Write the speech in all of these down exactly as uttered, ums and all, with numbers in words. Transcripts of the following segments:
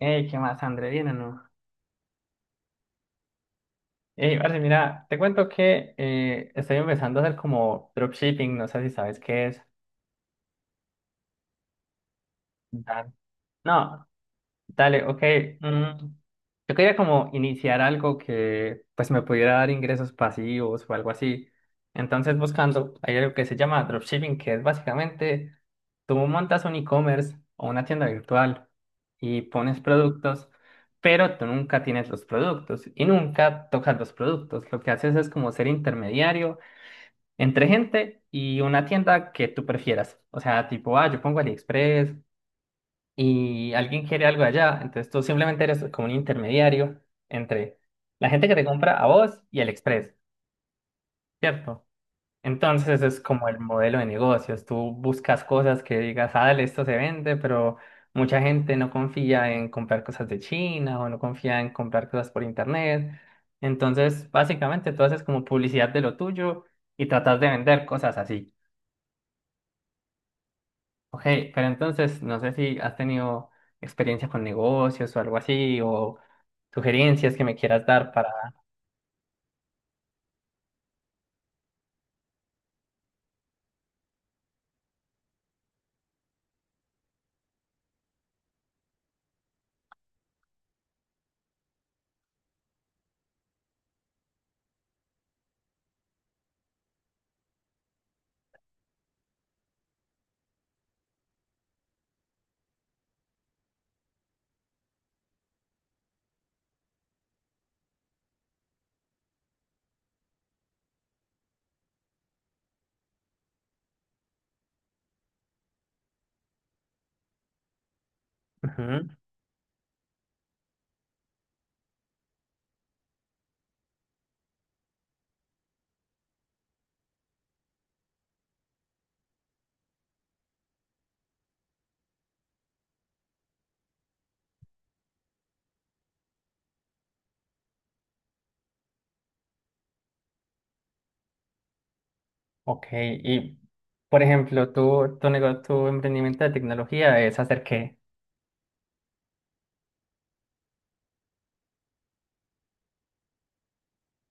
Ey, ¿qué más, Andrelina, no? Ey, parce, mira, te cuento que eh, estoy empezando a hacer como dropshipping, no sé si sabes qué es. Ah. No. Dale, ok. mm, Yo quería como iniciar algo que pues me pudiera dar ingresos pasivos o algo así. Entonces buscando, hay algo que se llama dropshipping, que es básicamente tú montas un e-commerce o una tienda virtual y pones productos, pero tú nunca tienes los productos y nunca tocas los productos. Lo que haces es como ser intermediario entre gente y una tienda que tú prefieras. O sea, tipo, ah, yo pongo AliExpress y alguien quiere algo allá, entonces tú simplemente eres como un intermediario entre la gente que te compra a vos y el Express, ¿cierto? Entonces ese es como el modelo de negocios. Tú buscas cosas que digas, ah, dale, esto se vende, pero mucha gente no confía en comprar cosas de China o no confía en comprar cosas por internet. Entonces, básicamente tú haces como publicidad de lo tuyo y tratas de vender cosas así. Ok, pero entonces no sé si has tenido experiencia con negocios o algo así o sugerencias que me quieras dar para... Ujú. Ok, y por ejemplo, tu, tu nego- tu emprendimiento de tecnología es hacer, ¿qué?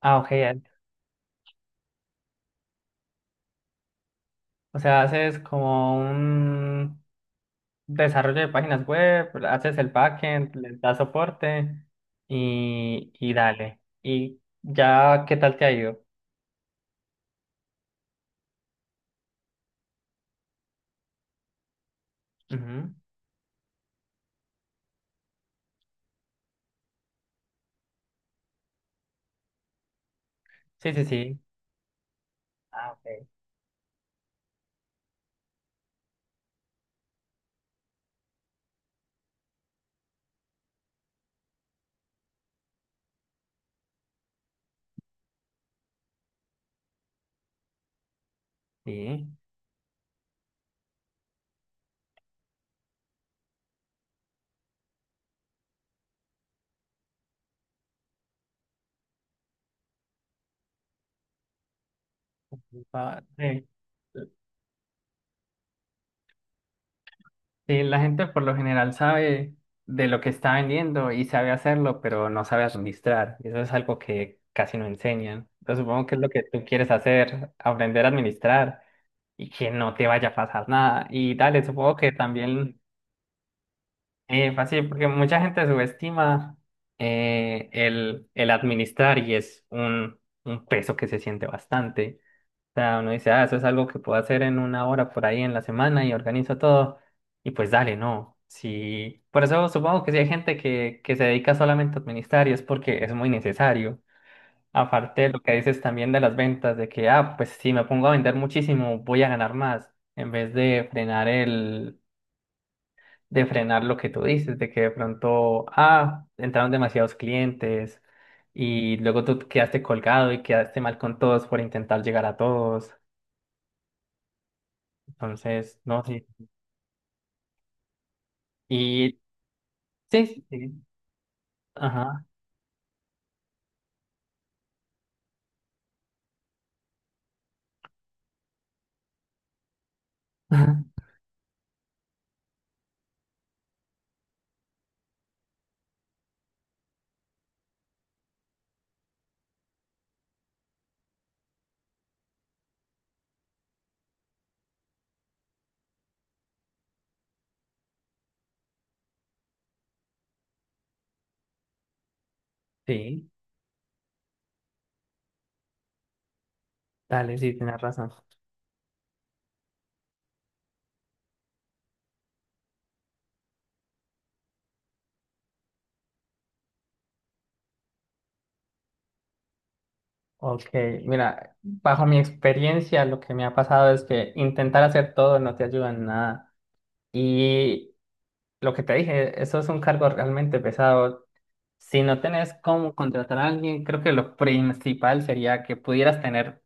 Ah, ok, eh, o sea, haces como un desarrollo de páginas web, haces el backend, le das soporte y, y dale. ¿Y ya qué tal te ha ido? Ujú. Sí, sí, sí. Ah, ok. Sí. Va- sí. Sí, la gente por lo general sabe de lo que está vendiendo y sabe hacerlo, pero no sabe administrar. Y eso es algo que casi no enseñan. Entonces, supongo que es lo que tú quieres hacer, aprender a administrar y que no te vaya a pasar nada. Y dale, supongo que también eh, fácil, porque mucha gente subestima eh, el, el administrar y es un, un peso que se siente bastante. O sea, uno dice, ah, eso es algo que puedo hacer en una hora por ahí en la semana y organizo todo. Y pues dale, no. Sí, por eso supongo que si hay gente que, que se dedica solamente a administrar y es porque es muy necesario. Aparte de lo que dices también de las ventas, de que, ah, pues si me pongo a vender muchísimo, voy a ganar más, en vez de frenar el, de frenar lo que tú dices, de que de pronto, ah, entraron demasiados clientes y luego tú quedaste colgado y quedaste mal con todos por intentar llegar a todos. Entonces, no sé. Y sí, sí. Ajá. Sí, dale, sí, tienes razón. Ok, mira, bajo mi experiencia, lo que me ha pasado es que intentar hacer todo no te ayuda en nada. Y lo que te dije, eso es un cargo realmente pesado. Si no tenés cómo contratar a alguien, creo que lo principal sería que pudieras tener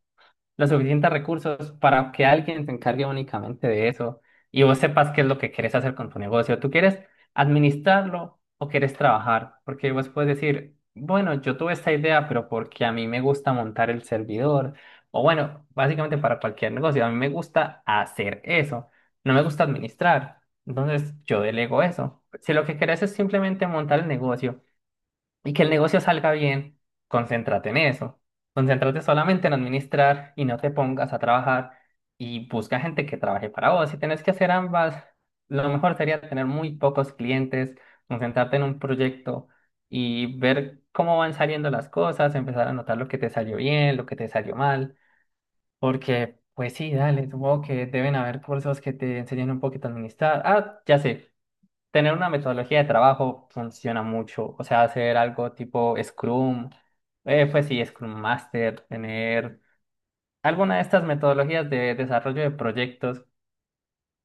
los suficientes recursos para que alguien se encargue únicamente de eso y vos sepas qué es lo que quieres hacer con tu negocio. ¿Tú quieres administrarlo o quieres trabajar? Porque vos puedes decir, bueno, yo tuve esta idea, pero porque a mí me gusta montar el servidor. O bueno, básicamente para cualquier negocio, a mí me gusta hacer eso. No me gusta administrar. Entonces yo delego eso. Si lo que querés es simplemente montar el negocio y que el negocio salga bien, concéntrate en eso. Concéntrate solamente en administrar y no te pongas a trabajar y busca gente que trabaje para vos. Si tenés que hacer ambas, lo mejor sería tener muy pocos clientes, concentrarte en un proyecto y ver cómo van saliendo las cosas, empezar a notar lo que te salió bien, lo que te salió mal, porque pues sí, dale, supongo que deben haber cursos que te enseñen un poquito a administrar. Ah, ya sé, tener una metodología de trabajo funciona mucho. O sea, hacer algo tipo Scrum, eh, pues sí, Scrum Master, tener alguna de estas metodologías de desarrollo de proyectos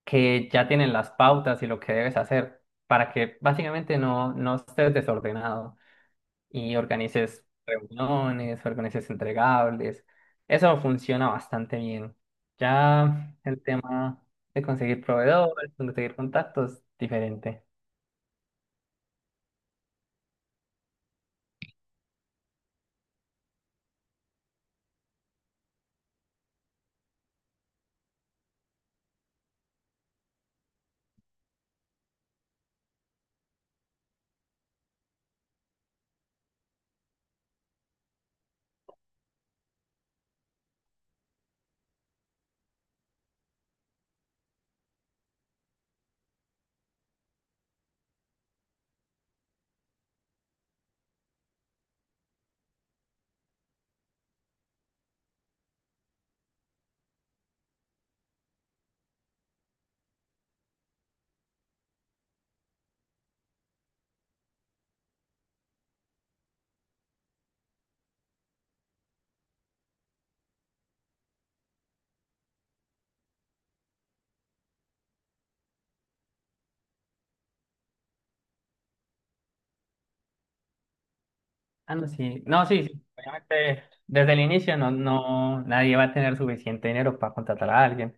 que ya tienen las pautas y lo que debes hacer para que básicamente no, no estés desordenado y organices reuniones, organices entregables. Eso funciona bastante bien. Ya el tema de conseguir proveedores, conseguir contactos, diferente. Ah, no, sí. No, sí, sí. Obviamente, desde el inicio no, no, nadie va a tener suficiente dinero para contratar a alguien.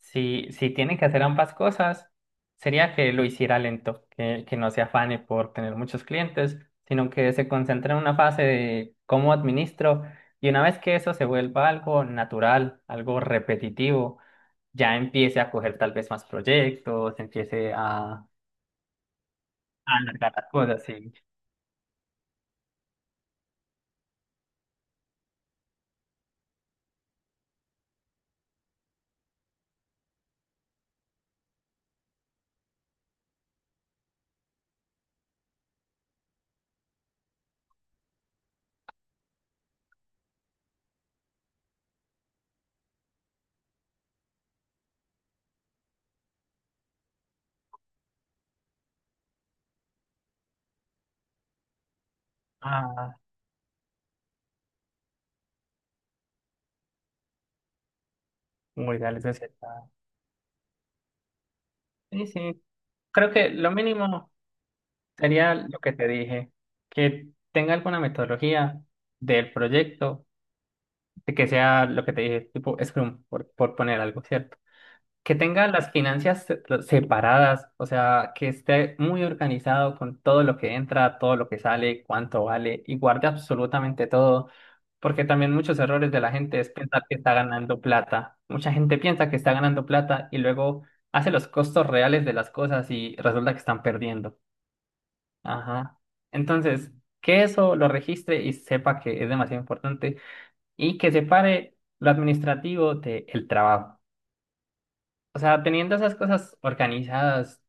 Si, si tienen que hacer ambas cosas, sería que lo hiciera lento, que, que no se afane por tener muchos clientes, sino que se concentre en una fase de cómo administro. Y una vez que eso se vuelva algo natural, algo repetitivo, ya empiece a coger tal vez más proyectos, empiece a, a alargar las cosas, sí. Ah, muy real, eso es cierto. Sí, sí. Creo que lo mínimo sería lo que te dije, que tenga alguna metodología del proyecto, de que sea lo que te dije, tipo Scrum, por, por poner algo, ¿cierto? Que tenga las finanzas se- separadas, o sea, que esté muy organizado con todo lo que entra, todo lo que sale, cuánto vale y guarde absolutamente todo, porque también muchos errores de la gente es pensar que está ganando plata. Mucha gente piensa que está ganando plata y luego hace los costos reales de las cosas y resulta que están perdiendo. Ajá. Entonces, que eso lo registre y sepa que es demasiado importante y que separe lo administrativo del trabajo. O sea, teniendo esas cosas organizadas,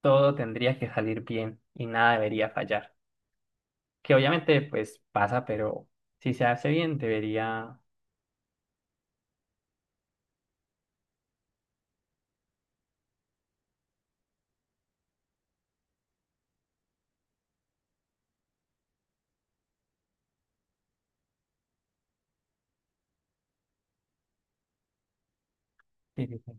todo tendría que salir bien y nada debería fallar. Que obviamente, pues pasa, pero si se hace bien, debería. Sí, sí, sí.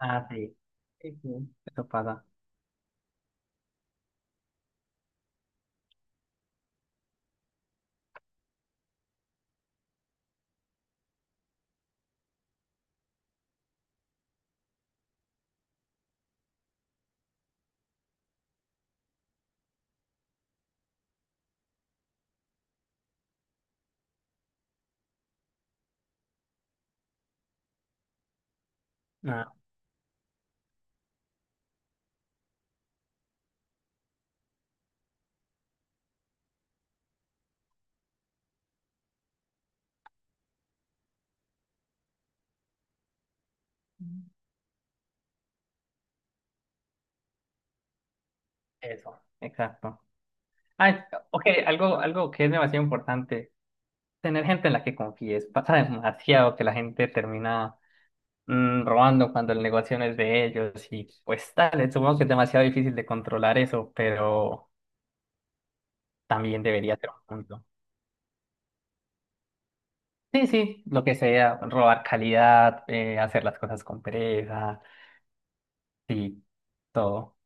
Ah, sí. Sí, sí. Eso pasa. Ah, eso, exacto. Ah, ok, algo, algo que es demasiado importante. Tener gente en la que confíes. Pasa demasiado que la gente termina mm, robando cuando el negocio no es de ellos. Y pues tal, supongo que es demasiado difícil de controlar eso, pero también debería ser un punto. Sí, sí, lo que sea, robar calidad, eh, hacer las cosas con pereza, sí, todo.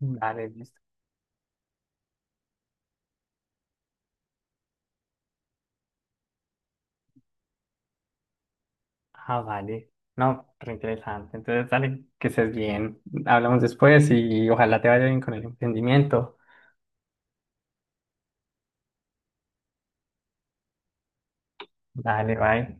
Dale, listo. Ah, vale. No, re interesante. Entonces, dale, que estés bien. Hablamos después y ojalá te vaya bien con el emprendimiento. Dale, bye.